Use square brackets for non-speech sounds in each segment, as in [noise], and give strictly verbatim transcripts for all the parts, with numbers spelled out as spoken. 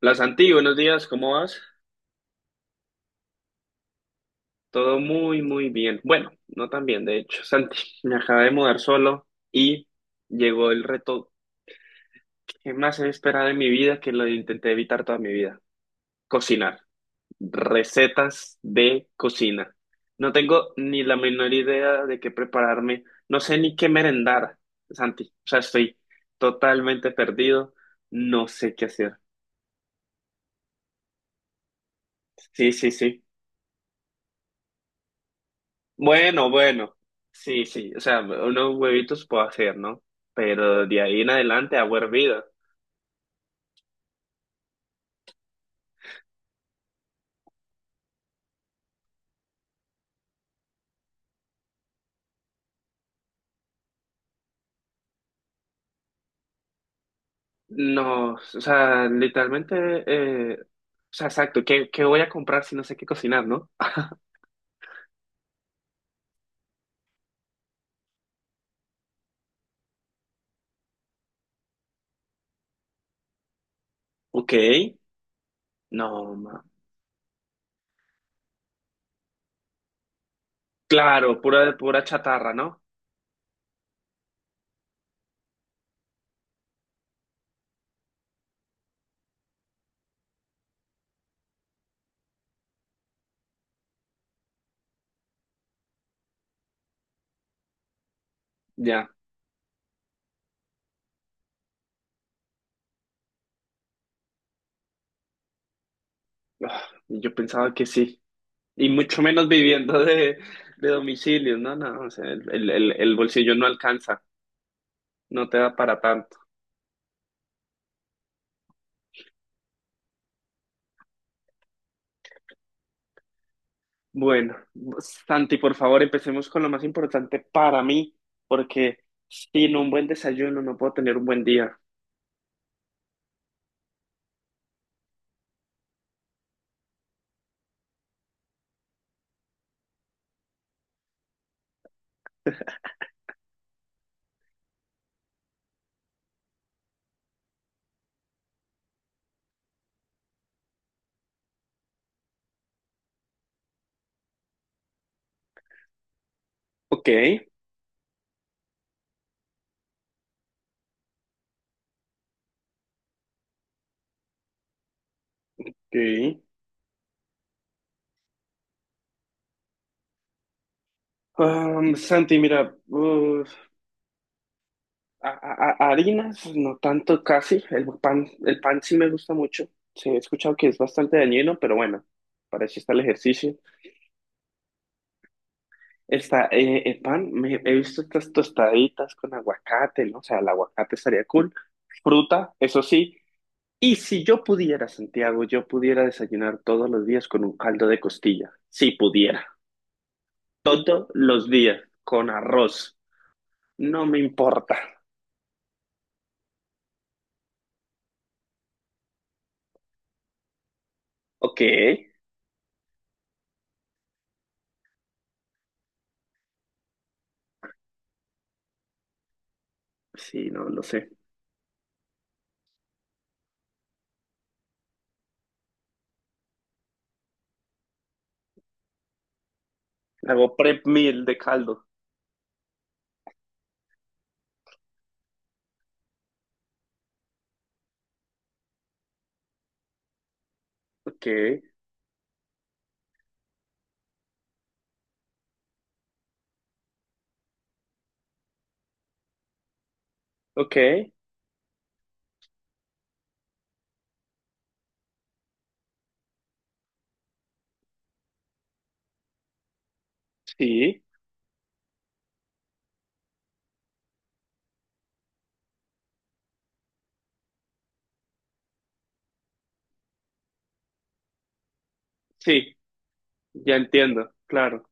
Hola Santi, buenos días, ¿cómo vas? Todo muy, muy bien. Bueno, no tan bien, de hecho. Santi, [laughs] me acabé de mudar solo y llegó el reto que más he esperado en mi vida, que lo intenté evitar toda mi vida. Cocinar. Recetas de cocina. No tengo ni la menor idea de qué prepararme. No sé ni qué merendar, Santi. O sea, estoy totalmente perdido. No sé qué hacer. Sí, sí, sí. Bueno, bueno, sí, sí, o sea, unos huevitos puedo hacer, ¿no? Pero de ahí en adelante, agua hervida. No, o sea, literalmente, eh, o sea, exacto, ¿qué, qué voy a comprar si no sé qué cocinar, ¿no? Ok, no, ma- claro, pura, pura chatarra, ¿no? Ya, ah, yo pensaba que sí, y mucho menos viviendo de, de domicilio, ¿no? No, o sea, el, el, el el bolsillo no alcanza, no te da para tanto. Bueno, Santi, por favor, empecemos con lo más importante para mí, porque sin un buen desayuno no puedo tener un buen día. Ok, ok. Um, Santi, mira, uf, a- a- a- harinas, no tanto casi, el pan, el pan sí me gusta mucho, sí, he escuchado que es bastante dañino, pero bueno, para eso está el ejercicio. Está eh, el pan, me, he visto estas tostaditas con aguacate, ¿no? O sea, el aguacate estaría cool. Fruta, eso sí. Y si yo pudiera, Santiago, yo pudiera desayunar todos los días con un caldo de costilla. Si pudiera. Todos los días. Con arroz. No me importa. Ok. Sí, no lo sé. Hago prep meal de caldo. Ok. Ok. Sí. Sí. Ya entiendo. Claro.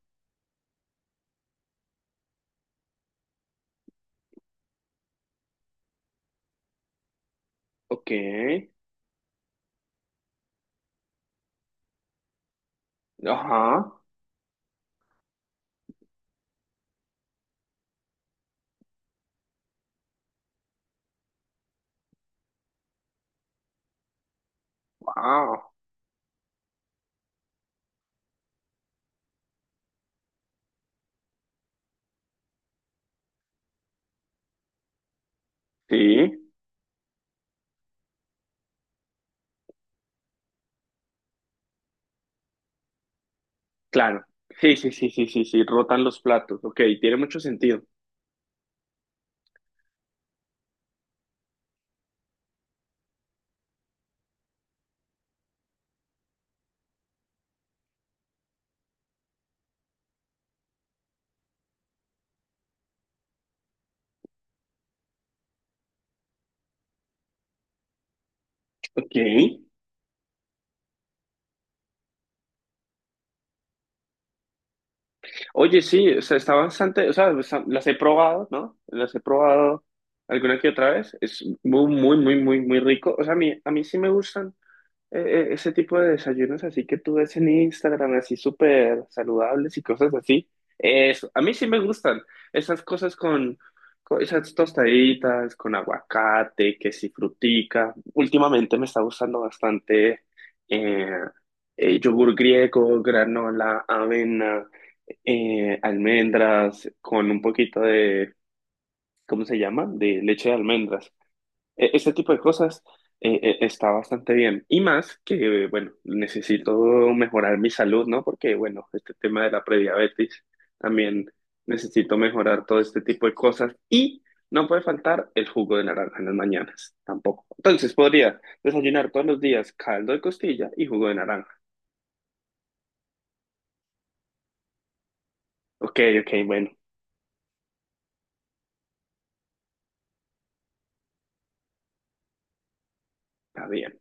Ok. Ajá. Wow. Sí. Claro. Sí, sí, sí, sí, sí, sí. Rotan los platos. Ok. Tiene mucho sentido. Ok. Oye, sí, o sea, está bastante, o sea, está- las he probado, ¿no? Las he probado alguna que otra vez. Es muy, muy, muy, muy, muy rico. O sea, a mí, a mí sí me gustan eh, eh, ese tipo de desayunos así que tú ves en Instagram, así súper saludables y cosas así. Eso, a mí sí me gustan esas cosas con, con esas tostaditas, con aguacate, que si frutica. Últimamente me está gustando bastante eh, eh, yogur griego, granola, avena eh, almendras con un poquito de, ¿cómo se llama? De leche de almendras. E- ese tipo de cosas eh, eh, está bastante bien. Y más que, bueno, necesito mejorar mi salud, ¿no? Porque, bueno, este tema de la prediabetes, también necesito mejorar todo este tipo de cosas. Y no puede faltar el jugo de naranja en las mañanas, tampoco. Entonces podría desayunar todos los días caldo de costilla y jugo de naranja. Ok, ok, bueno, está bien.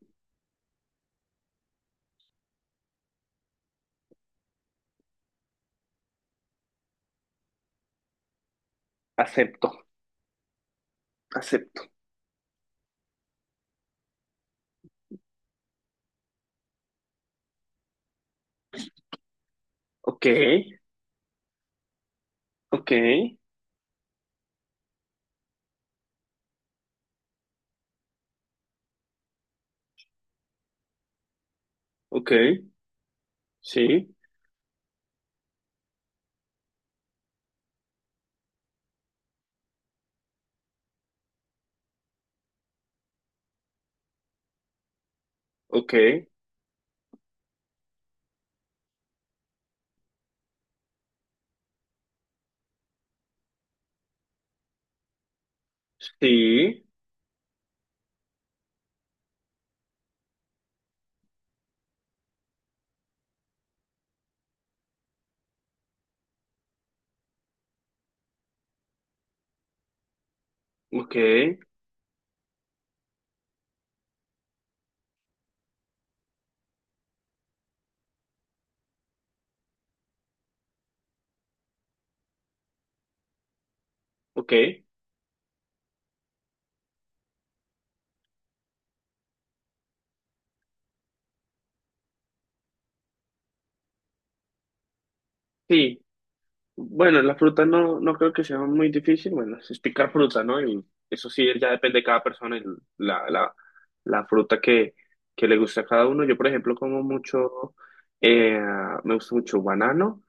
Acepto, acepto. Ok. Ok, ok, sí, ok, sí, ok, ok, sí. Bueno, la fruta no, no creo que sea muy difícil. Bueno, es picar fruta, ¿no? Y eso sí, ya depende de cada persona y la, la, la fruta que, que le guste a cada uno. Yo, por ejemplo, como mucho, eh, me gusta mucho banano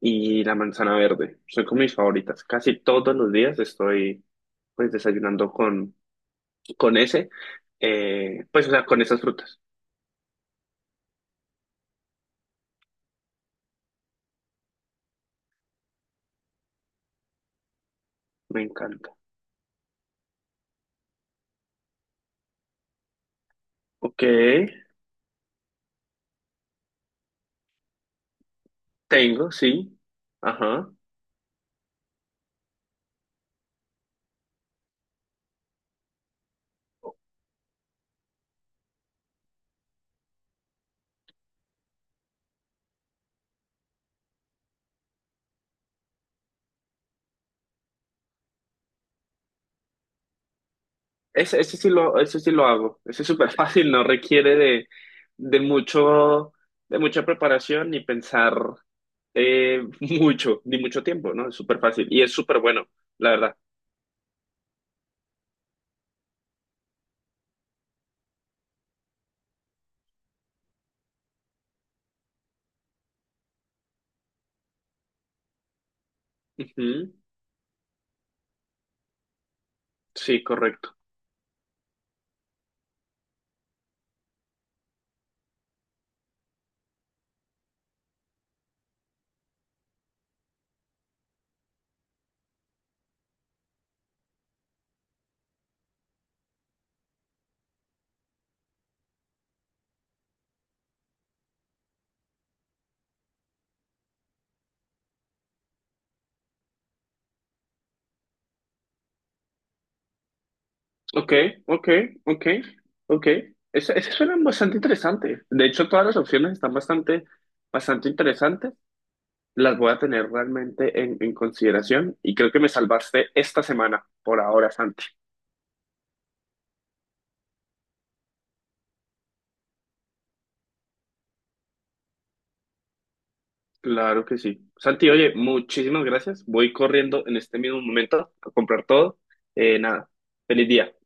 y la manzana verde. Son como mis favoritas. Casi todos los días estoy, pues, desayunando con, con ese, eh, pues, o sea, con esas frutas. Me encanta. Ok, tengo, sí. Ajá. Ese, ese sí lo, ese sí lo hago. Ese es súper [laughs] fácil, no requiere de, de mucho, de mucha preparación ni pensar eh, [laughs] mucho, ni mucho tiempo, ¿no? Es súper fácil y es súper bueno, la verdad. Ujú. Sí, correcto. Ok, ok, ok, ok. Ese, ese suena bastante interesante. De hecho, todas las opciones están bastante, bastante interesantes. Las voy a tener realmente en, en consideración y creo que me salvaste esta semana por ahora, Santi. Claro que sí. Santi, oye, muchísimas gracias. Voy corriendo en este mismo momento a comprar todo. Eh, nada, feliz día.